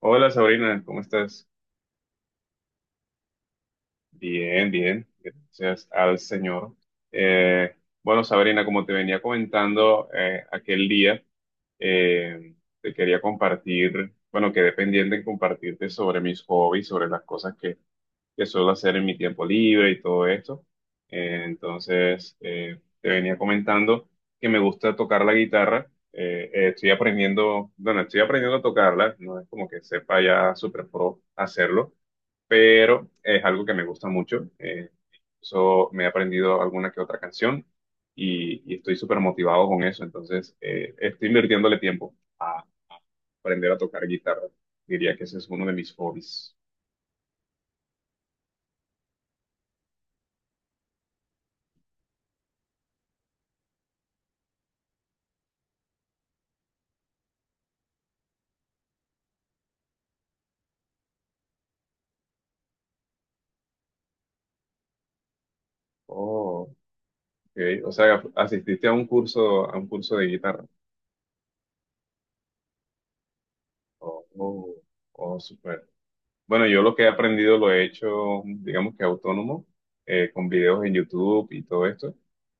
Hola, Sabrina, ¿cómo estás? Bien, bien, gracias al Señor. Eh, bueno, Sabrina, como te venía comentando aquel día, eh, te quería compartir, bueno, quedé pendiente en compartirte sobre mis hobbies, sobre las cosas que suelo hacer en mi tiempo libre y todo esto. Entonces, te venía comentando que me gusta tocar la guitarra. Estoy aprendiendo, bueno, estoy aprendiendo a tocarla, no es como que sepa ya súper pro hacerlo, pero es algo que me gusta mucho. Eso, me he aprendido alguna que otra canción y estoy súper motivado con eso. Entonces, estoy invirtiéndole tiempo a aprender a tocar guitarra. Diría que ese es uno de mis hobbies. Oh, ok. O sea, asististe a un curso de guitarra. Oh, oh, oh, súper. Bueno, yo lo que he aprendido lo he hecho, digamos que autónomo, con videos en YouTube y todo esto.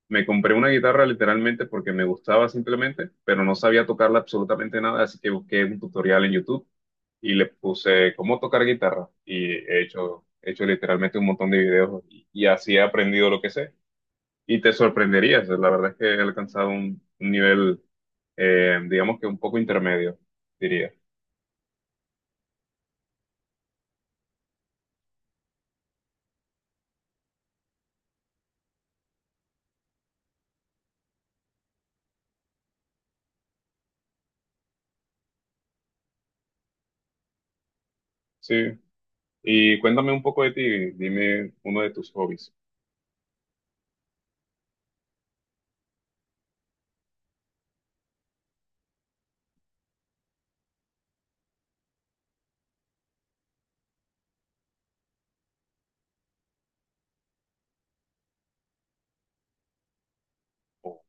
Me compré una guitarra literalmente porque me gustaba simplemente, pero no sabía tocarla absolutamente nada, así que busqué un tutorial en YouTube y le puse cómo tocar guitarra y he hecho literalmente un montón de videos y así he aprendido lo que sé. Y te sorprenderías, la verdad es que he alcanzado un nivel, digamos que un poco intermedio, diría. Sí. Y cuéntame un poco de ti, dime uno de tus hobbies. Oh.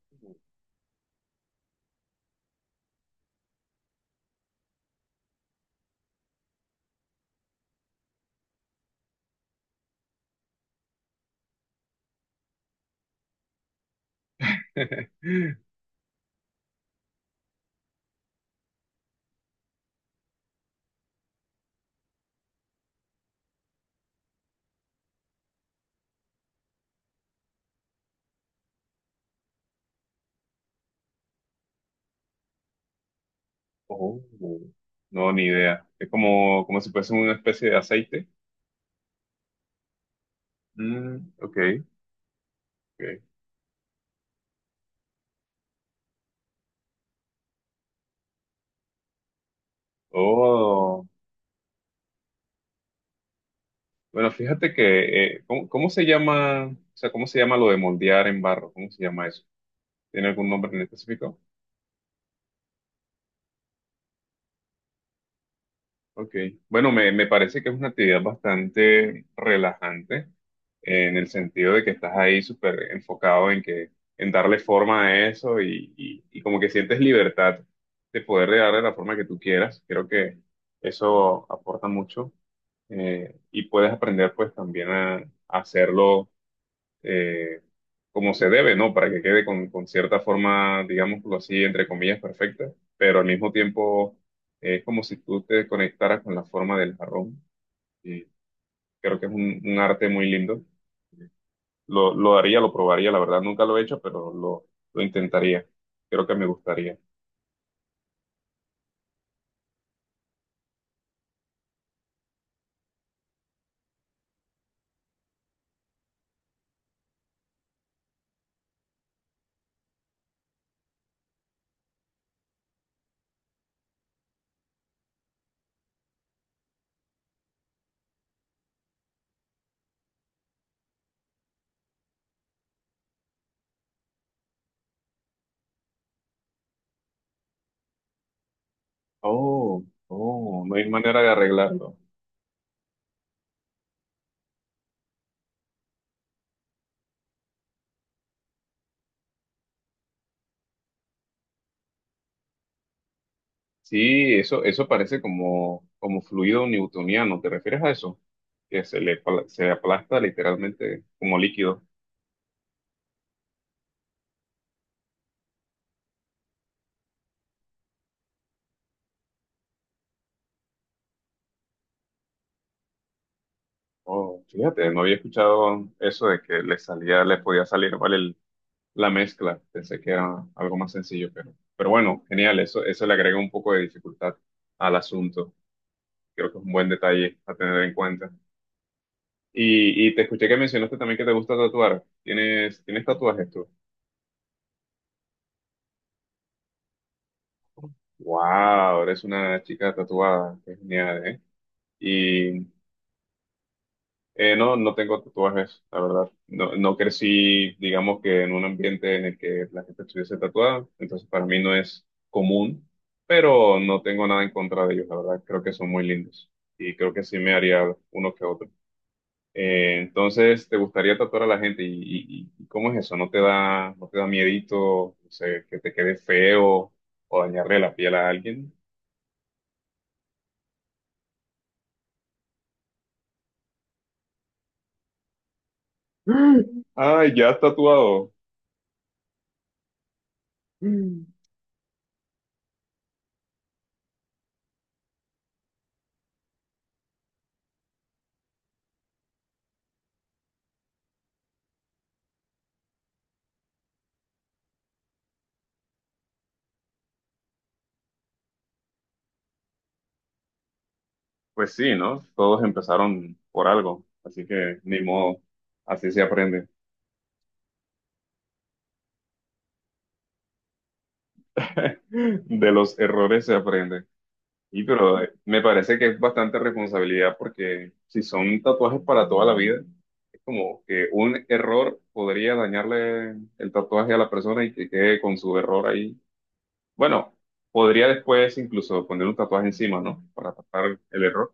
Oh. No, ni idea. Es como, como si fuese una especie de aceite. Mm, ok, ok. Oh, bueno, fíjate que, ¿cómo, cómo se llama, o sea, cómo se llama lo de moldear en barro? ¿Cómo se llama eso? ¿Tiene algún nombre en específico? Ok, bueno, me parece que es una actividad bastante relajante en el sentido de que estás ahí súper enfocado en que en darle forma a eso y como que sientes libertad de poder darle la forma que tú quieras. Creo que eso aporta mucho, y puedes aprender pues también a hacerlo, eh, como se debe, ¿no? Para que quede con cierta forma, digámoslo así, entre comillas, perfecta, pero al mismo tiempo es como si tú te conectaras con la forma del jarrón. Y creo que es un arte muy lindo. Lo haría, lo probaría, la verdad nunca lo he hecho, pero lo intentaría. Creo que me gustaría. Oh, oh, no hay manera de arreglarlo. Sí, eso parece como, como fluido newtoniano. ¿Te refieres a eso? Que se le, pla- se aplasta literalmente como líquido. Oh, fíjate, no había escuchado eso de que le salía, le podía salir mal el- la mezcla. Pensé que era algo más sencillo, pero bueno, genial. Eso le agrega un poco de dificultad al asunto. Creo que es un buen detalle a tener en cuenta. Y te escuché que mencionaste también que te gusta tatuar. ¿Tienes, tienes tatuajes tú? Wow, eres una chica tatuada. Qué genial, ¿eh? No, no tengo tatuajes, la verdad. No, no crecí, digamos que en un ambiente en el que la gente estuviese tatuada, entonces para mí no es común, pero no tengo nada en contra de ellos, la verdad. Creo que son muy lindos y creo que sí me haría uno que otro. Entonces, ¿te gustaría tatuar a la gente? Y cómo es eso? ¿No te da, no te da miedito, no sé, que te quede feo o dañarle la piel a alguien? Ay, ya has tatuado. Pues sí, ¿no? Todos empezaron por algo, así que ni modo, así se aprende. De los errores se aprende. Y pero me parece que es bastante responsabilidad porque si son tatuajes para toda la vida, es como que un error podría dañarle el tatuaje a la persona y que quede con su error ahí. Bueno, podría después incluso poner un tatuaje encima, ¿no? Para tapar el error.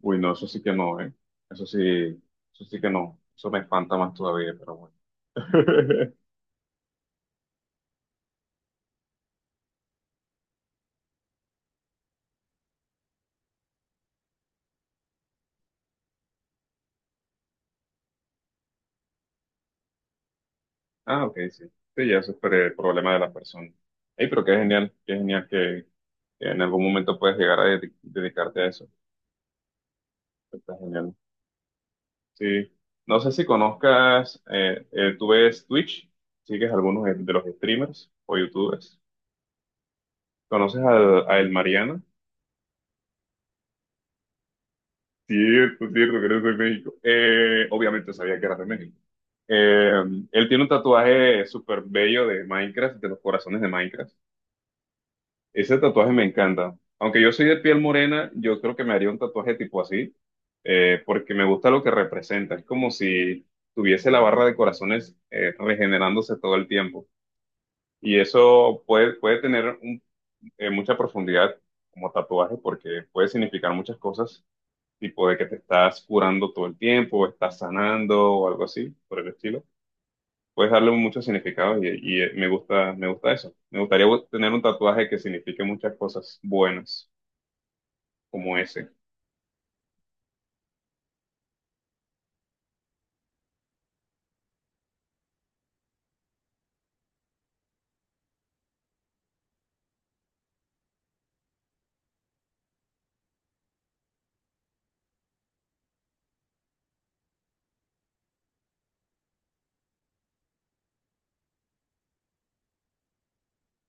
Uy, no, eso sí que no, ¿eh? Eso sí, eso sí que no. Eso me espanta más todavía, pero bueno. Ah, ok, sí. Sí, ya eso es pre- problema de la persona. Ey, pero qué genial que en algún momento puedes llegar a dedi- dedicarte a eso. Está genial. Sí. No sé si conozcas, tú ves Twitch, sigues algunos de los streamers o youtubers. ¿Conoces al- a El Mariana? Cierto, cierto, que eres de México. Obviamente sabía que eras de México. Eh, Él tiene un tatuaje súper bello de Minecraft, de los corazones de Minecraft. Ese tatuaje me encanta. Aunque yo soy de piel morena, yo creo que me haría un tatuaje tipo así, porque me gusta lo que representa. Es como si tuviese la barra de corazones regenerándose todo el tiempo. Y eso puede, puede tener un- mucha profundidad como tatuaje, porque puede significar muchas cosas tipo de que te estás curando todo el tiempo, o estás sanando o algo así, por el estilo. Puedes darle muchos significados me gusta eso. Me gustaría bu- tener un tatuaje que signifique muchas cosas buenas, como ese.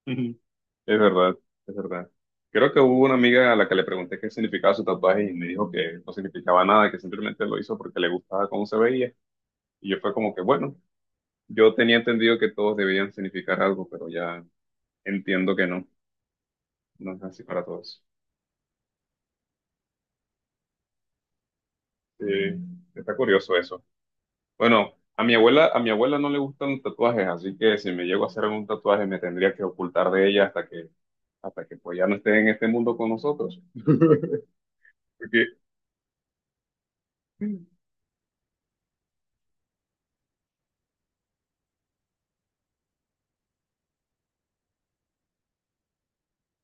Es verdad, es verdad. Creo que hubo una amiga a la que le pregunté qué significaba su tatuaje y me dijo que no significaba nada, que simplemente lo hizo porque le gustaba cómo se veía. Y yo fue como que, bueno, yo tenía entendido que todos debían significar algo, pero ya entiendo que no, no es así para todos. Sí, está curioso eso. Bueno, a mi abuela no le gustan los tatuajes, así que si me llego a hacer algún tatuaje me tendría que ocultar de ella hasta que pues ya no esté en este mundo con nosotros. Porque,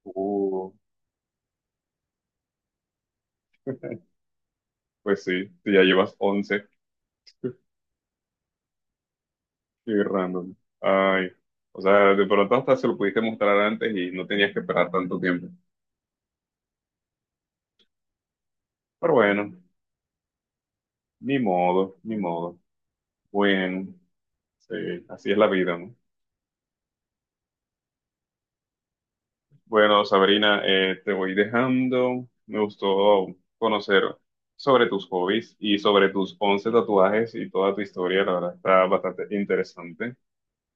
uh, pues sí, si ya llevas 11, qué random. Ay, o sea, de pronto hasta se lo pudiste mostrar antes y no tenías que esperar tanto tiempo. Pero bueno, ni modo, ni modo. Bueno, sí, así es la vida, ¿no? Bueno, Sabrina, te voy dejando. Me gustó conocer sobre tus hobbies y sobre tus 11 tatuajes y toda tu historia. La verdad está bastante interesante.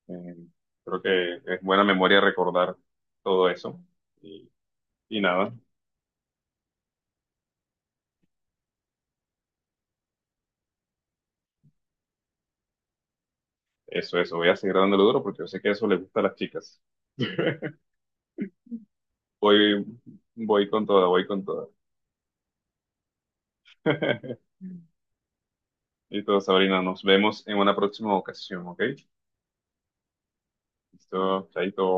Eh, Creo que es buena memoria recordar todo eso. Y, nada, eso, eso. Voy a seguir dándole duro porque yo sé que eso le gusta a las chicas. Voy, Voy con toda, voy con toda. Y todo, Sabrina, nos vemos en una próxima ocasión, ¿ok? Listo, chaito.